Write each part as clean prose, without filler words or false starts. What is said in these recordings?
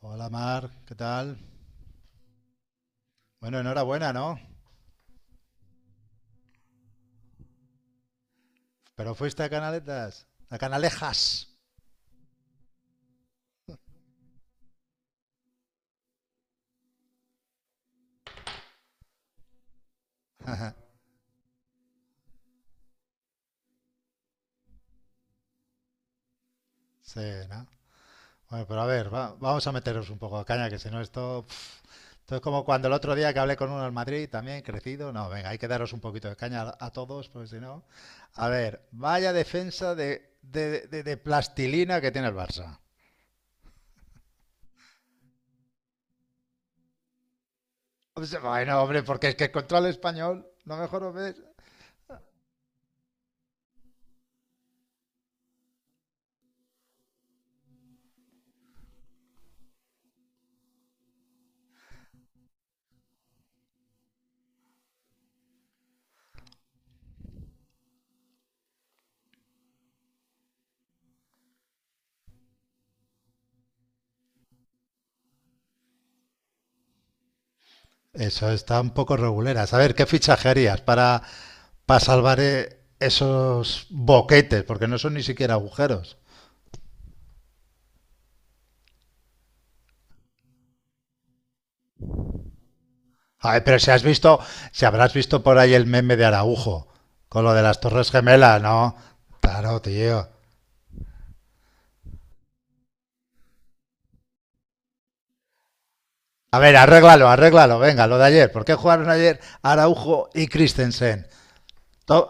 Hola Mar, ¿qué tal? Bueno, enhorabuena, ¿no? Pero fuiste a Canaletas, a Canalejas. Sí, ¿no? Bueno, pero a ver, vamos a meteros un poco a caña, que si no pf, esto es como cuando el otro día que hablé con uno en Madrid, también crecido. No, venga, hay que daros un poquito de caña a todos, porque si no... A ver, vaya defensa de plastilina que tiene el Barça. O sea, bueno, hombre, porque es que contra el español, lo mejor os ves. Eso está un poco regulera. A ver, ¿qué fichajerías para salvar esos boquetes, porque no son ni siquiera agujeros. Ay, pero si has visto, si habrás visto por ahí el meme de Araujo, con lo de las Torres Gemelas, ¿no? Claro, tío. A ver, arréglalo, arréglalo, venga, lo de ayer. ¿Por qué jugaron ayer Araujo y Christensen? To-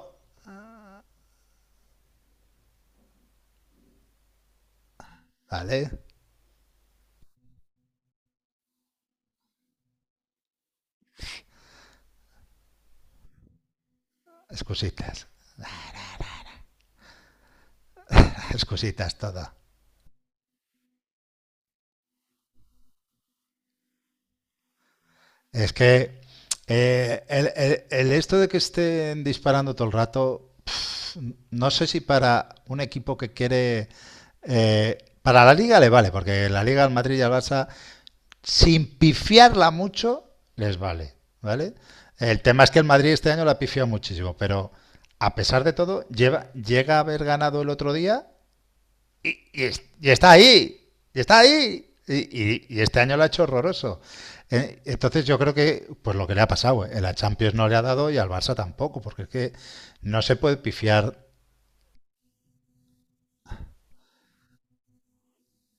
vale, excusitas, excusitas toda. Es que el esto de que estén disparando todo el rato. No sé si para un equipo que quiere... para la Liga le vale, porque la Liga al Madrid y al Barça, sin pifiarla mucho, les vale, ¿vale? El tema es que el Madrid este año la pifió muchísimo, pero a pesar de todo, llega a haber ganado el otro día y, y y está ahí, y está ahí, y este año lo ha hecho horroroso. Entonces yo creo que, pues lo que le ha pasado, la Champions no le ha dado y al Barça tampoco, porque es que no se puede pifiar.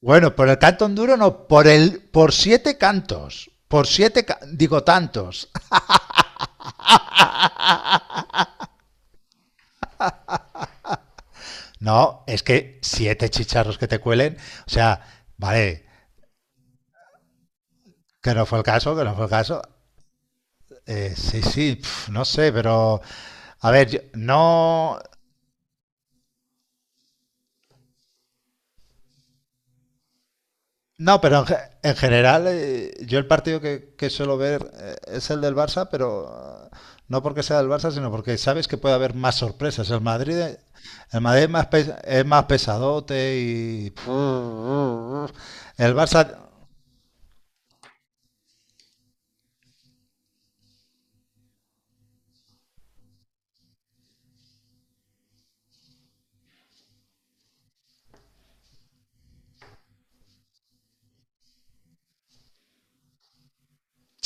Bueno, por el canto duro no, por siete cantos, por siete, digo tantos. No, es que siete chicharros que te cuelen, o sea, vale, que no fue el caso, que no fue el caso. Sí, sí, pf, no sé, pero a ver, no. No, pero en general yo el partido que suelo ver es el del Barça, pero no porque sea del Barça, sino porque sabes que puede haber más sorpresas. El Madrid es más, es más pesadote y... El Barça...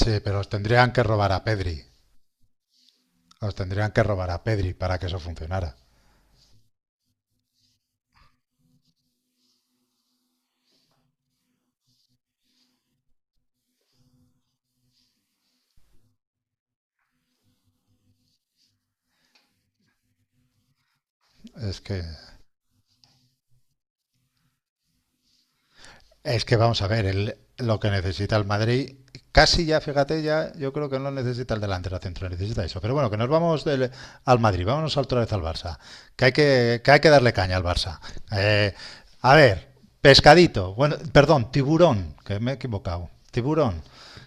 Sí, pero os tendrían que robar a Pedri. Os tendrían que robar a Pedri para que eso funcionara. Es que... Es que vamos a ver, lo que necesita el Madrid, casi ya, fíjate, ya yo creo que no necesita el delantero central, necesita eso. Pero bueno, que nos vamos al Madrid, vámonos otra vez al Barça, que hay que darle caña al Barça. Eh, a ver, pescadito, bueno, perdón, tiburón, que me he equivocado, tiburón.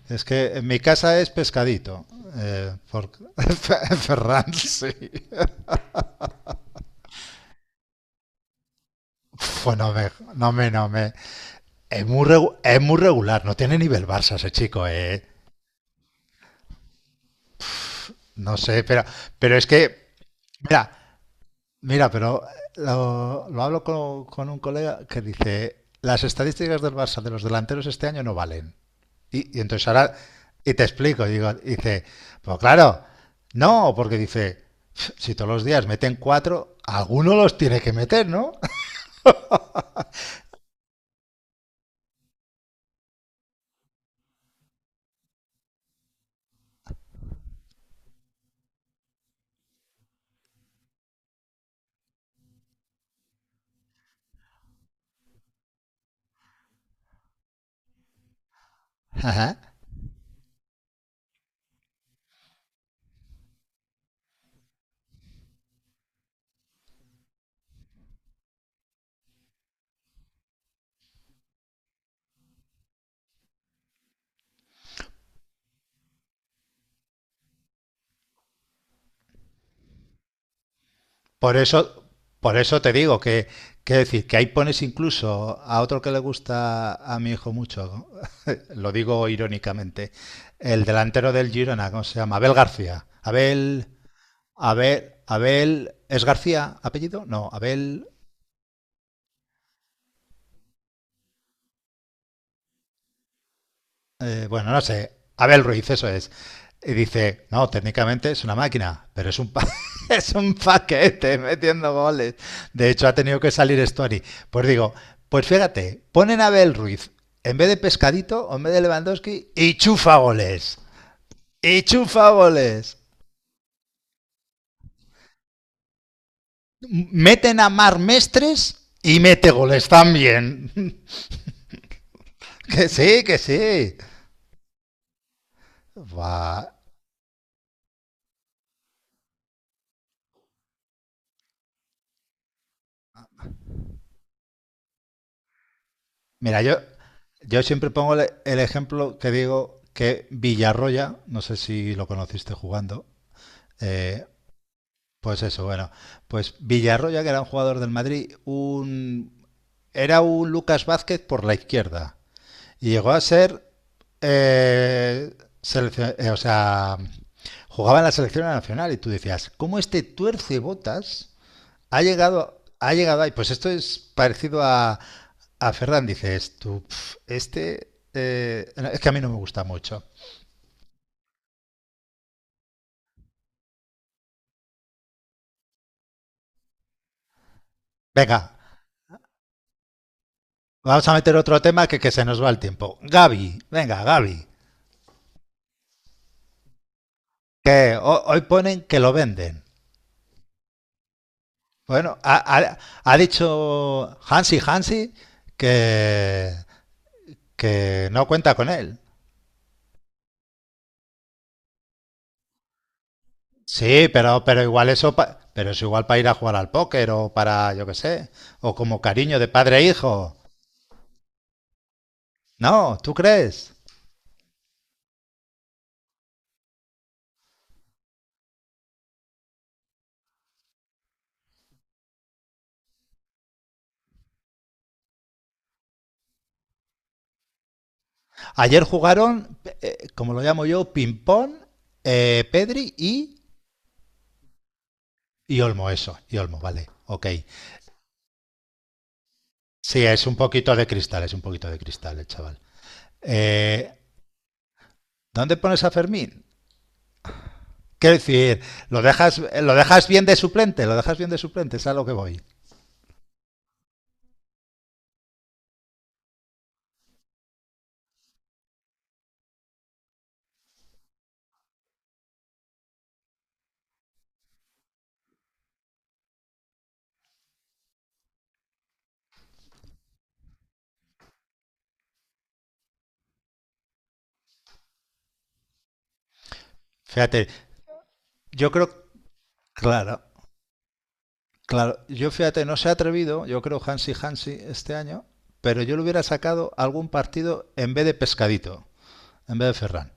Es que en mi casa es pescadito. Por... Ferran, sí. Pues no me. Es muy, es muy regular, no tiene nivel Barça ese chico, eh. No sé, pero es que, mira, mira, pero lo hablo con un colega que dice, las estadísticas del Barça de los delanteros este año no valen. Entonces ahora, y te explico, digo, dice, pues claro, no, porque dice, si todos los días meten cuatro, alguno los tiene que meter, ¿no? Por eso, por eso te digo que decir, que ahí pones incluso a otro que le gusta a mi hijo mucho, lo digo irónicamente, el delantero del Girona, ¿cómo se llama? Abel García. Abel, ¿es García apellido? No, Abel, bueno, no sé, Abel Ruiz, eso es. Y dice, no, técnicamente es una máquina, pero es un, es un paquete metiendo goles. De hecho, ha tenido que salir Story. Pues digo, pues fíjate, ponen a Abel Ruiz en vez de Pescadito o en vez de Lewandowski y chufa goles. Y chufa goles. Meten a Mar Mestres y mete goles también. Que sí, que sí. Buah, mira, yo siempre pongo el ejemplo que digo que Villarroya, no sé si lo conociste jugando, eh, pues eso, bueno, pues Villarroya, que era un jugador del Madrid, un, era un Lucas Vázquez por la izquierda y llegó a ser, eh, o sea, jugaba en la selección nacional y tú decías, ¿cómo este tuerce botas ha llegado ahí? Pues esto es parecido a Ferran. Dices tú, "Pf, este no, es que a mí no me gusta mucho". Venga, vamos a meter otro tema que se nos va el tiempo. Gaby, venga, Gaby. Que hoy ponen que lo venden. Bueno, ha- ha dicho Hansi que, que no cuenta con él. Sí, pero igual eso, pero es igual para ir a jugar al póker o para, yo qué sé, o como cariño de padre e hijo. No, ¿tú crees? Ayer jugaron, como lo llamo yo, ping-pong, Pedri y Olmo, eso. Y Olmo, vale. Ok. Sí, es un poquito de cristal, es un poquito de cristal, el chaval. Eh, ¿Dónde pones a Fermín? Quiero decir, lo dejas bien de suplente, lo dejas bien de suplente, es a lo que voy. Fíjate, yo creo, claro, claro, yo fíjate, no se ha atrevido, yo creo Hansi este año, pero yo le hubiera sacado algún partido en vez de Pescadito, en vez de Ferran.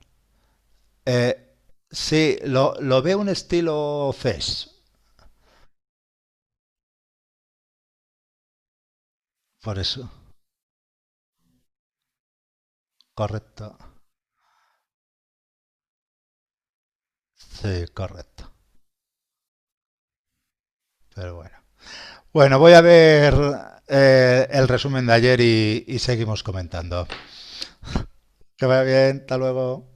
Eh, sí, lo veo un estilo Fes, por eso. Correcto. Sí, correcto. Pero bueno. Bueno, voy a ver el resumen de ayer y seguimos comentando. Que vaya bien, hasta luego.